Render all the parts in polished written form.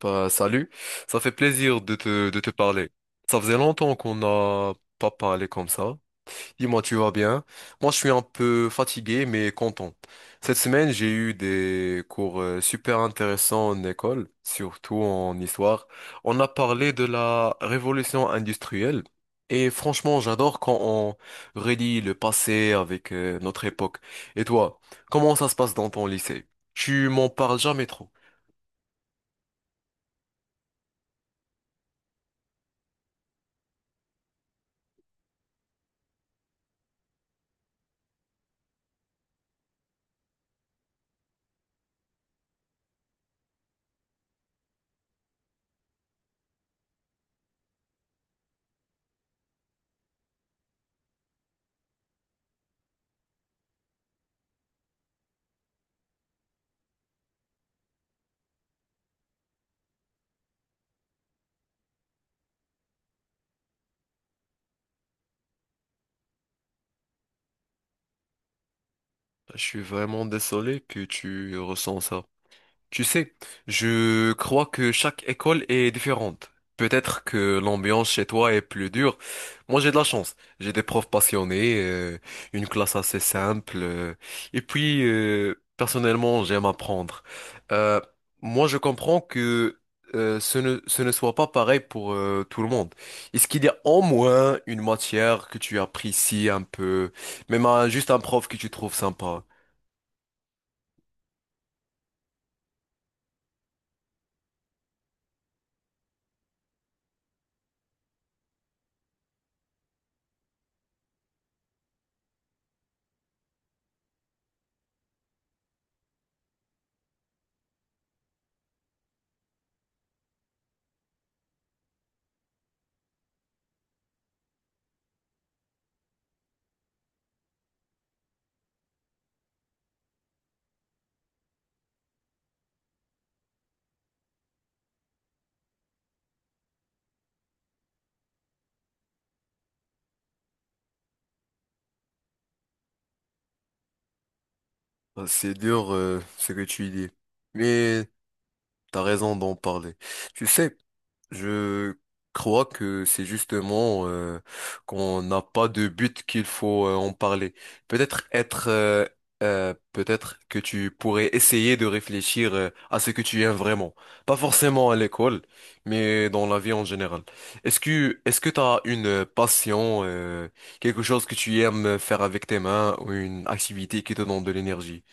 Bah, salut, ça fait plaisir de te parler. Ça faisait longtemps qu'on n'a pas parlé comme ça. Dis-moi, tu vas bien? Moi, je suis un peu fatigué, mais content. Cette semaine, j'ai eu des cours super intéressants en école, surtout en histoire. On a parlé de la révolution industrielle. Et franchement, j'adore quand on relie le passé avec notre époque. Et toi, comment ça se passe dans ton lycée? Tu m'en parles jamais trop. Je suis vraiment désolé que tu ressens ça. Tu sais, je crois que chaque école est différente. Peut-être que l'ambiance chez toi est plus dure. Moi, j'ai de la chance. J'ai des profs passionnés, une classe assez simple. Et puis, personnellement, j'aime apprendre. Euh, Moi, je comprends que ce ne soit pas pareil pour tout le monde. Est-ce qu'il y a au moins une matière que tu apprécies un peu, même juste un prof que tu trouves sympa? Ah, c'est dur ce que tu dis, mais t'as raison d'en parler. Tu sais, je crois que c'est justement qu'on n'a pas de but qu'il faut en parler. Peut-être être, euh, Peut-être que tu pourrais essayer de réfléchir à ce que tu aimes vraiment, pas forcément à l'école, mais dans la vie en général. Est-ce que t'as une passion, quelque chose que tu aimes faire avec tes mains ou une activité qui te donne de l'énergie?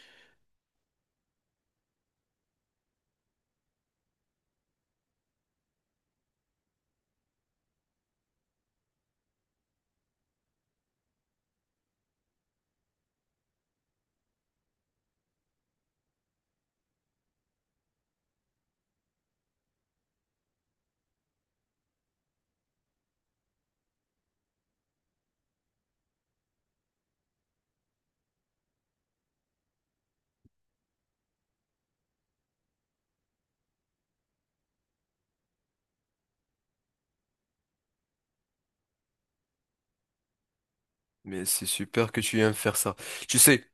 Mais c'est super que tu aimes faire ça. Tu sais,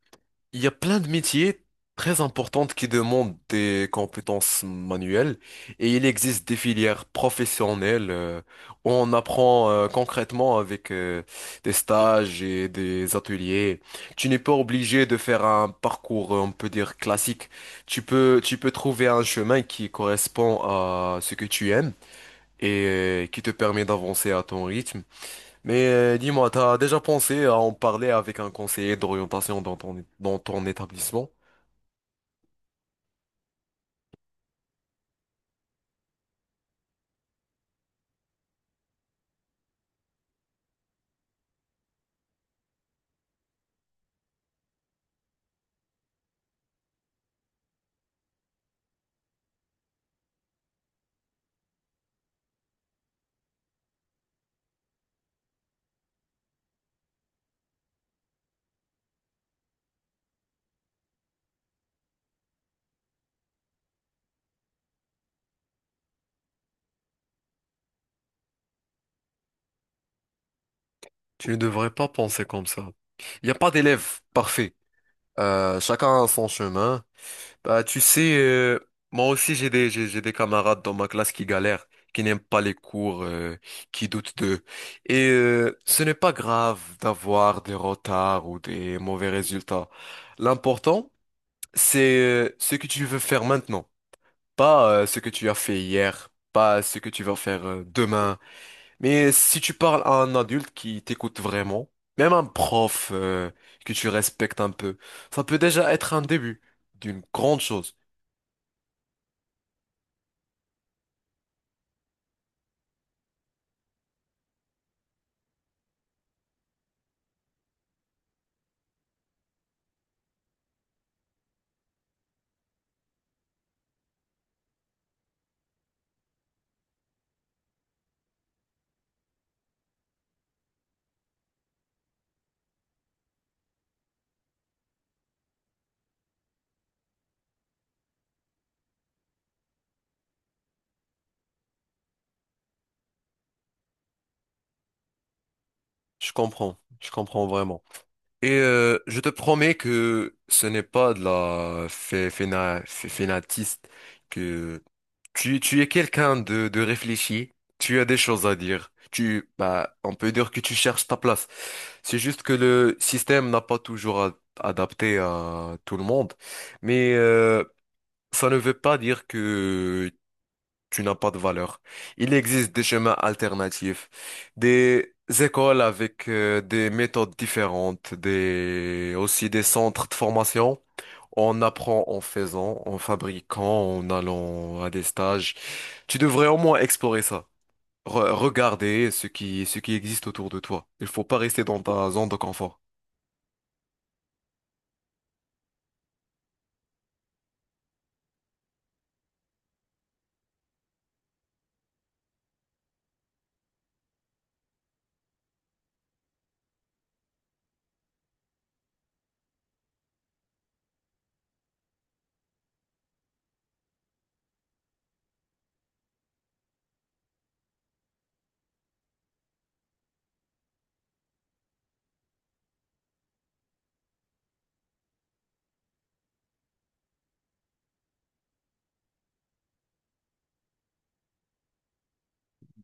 il y a plein de métiers très importants qui demandent des compétences manuelles et il existe des filières professionnelles où on apprend concrètement avec des stages et des ateliers. Tu n'es pas obligé de faire un parcours, on peut dire, classique. Tu peux trouver un chemin qui correspond à ce que tu aimes et qui te permet d'avancer à ton rythme. Mais dis-moi, t'as déjà pensé à en parler avec un conseiller d'orientation dans ton établissement? Tu ne devrais pas penser comme ça. Il n'y a pas d'élève parfait. Chacun a son chemin. Bah, tu sais, moi aussi j'ai des camarades dans ma classe qui galèrent, qui n'aiment pas les cours, qui doutent d'eux. Et ce n'est pas grave d'avoir des retards ou des mauvais résultats. L'important, c'est ce que tu veux faire maintenant, pas ce que tu as fait hier, pas ce que tu vas faire demain. Mais si tu parles à un adulte qui t'écoute vraiment, même un prof que tu respectes un peu, ça peut déjà être un début d'une grande chose. Je comprends vraiment. Et je te promets que ce n'est pas de la fénatiste, que tu es quelqu'un de réfléchi, tu as des choses à dire. Bah, on peut dire que tu cherches ta place. C'est juste que le système n'a pas toujours adapté à tout le monde, mais ça ne veut pas dire que tu n'as pas de valeur. Il existe des chemins alternatifs, des écoles avec des méthodes différentes, des aussi des centres de formation. On apprend en faisant, en fabriquant, en allant à des stages. Tu devrais au moins explorer ça. Regarder ce qui existe autour de toi. Il faut pas rester dans ta zone de confort.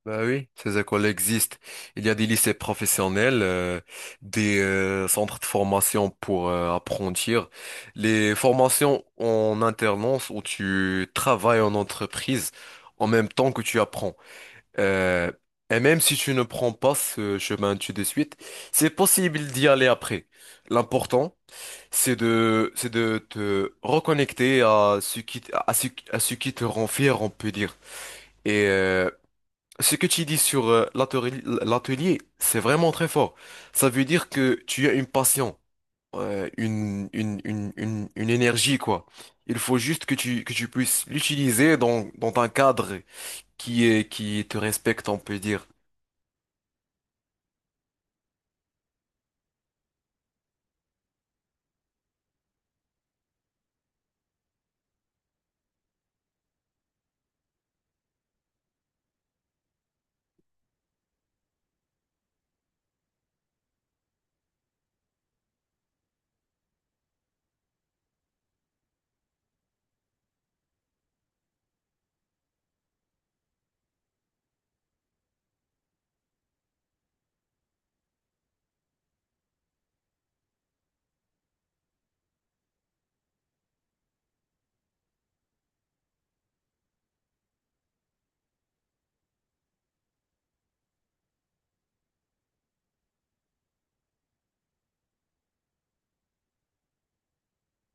Bah oui, ces écoles existent. Il y a des lycées professionnels, des centres de formation pour apprentir, les formations en alternance où tu travailles en entreprise en même temps que tu apprends. Euh, et même si tu ne prends pas ce chemin tout de suite, c'est possible d'y aller après. L'important, c'est c'est de te reconnecter à ce qui, à ce qui te rend fier, on peut dire. Et ce que tu dis sur l'atelier, c'est vraiment très fort. Ça veut dire que tu as une passion, une énergie, quoi. Il faut juste que que tu puisses l'utiliser dans un cadre qui est, qui te respecte, on peut dire.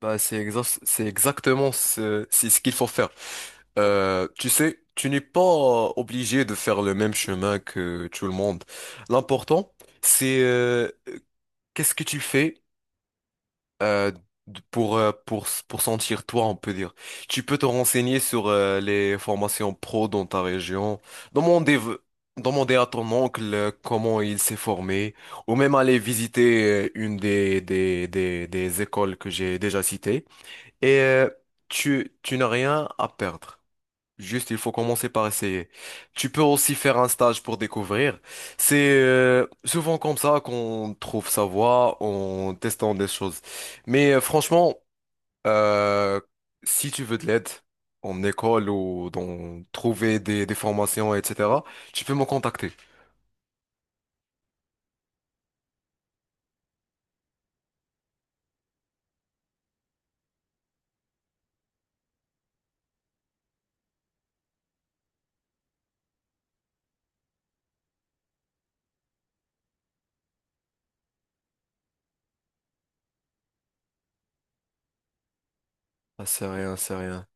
Bah, c'est exactement c'est ce qu'il faut faire. Tu sais, tu n'es pas obligé de faire le même chemin que tout le monde. L'important, c'est qu'est-ce que tu fais? euh, pour, pour sentir toi, on peut dire. Tu peux te renseigner sur les formations pro dans ta région, demander, v- demander à ton oncle comment il s'est formé, ou même aller visiter une des écoles que j'ai déjà citées. Et tu n'as rien à perdre. Juste, il faut commencer par essayer. Tu peux aussi faire un stage pour découvrir. C'est souvent comme ça qu'on trouve sa voie en testant des choses. Mais franchement, euh, si tu veux de l'aide en école ou dans trouver des formations, etc., tu peux me contacter. Ah, c'est rien, c'est rien.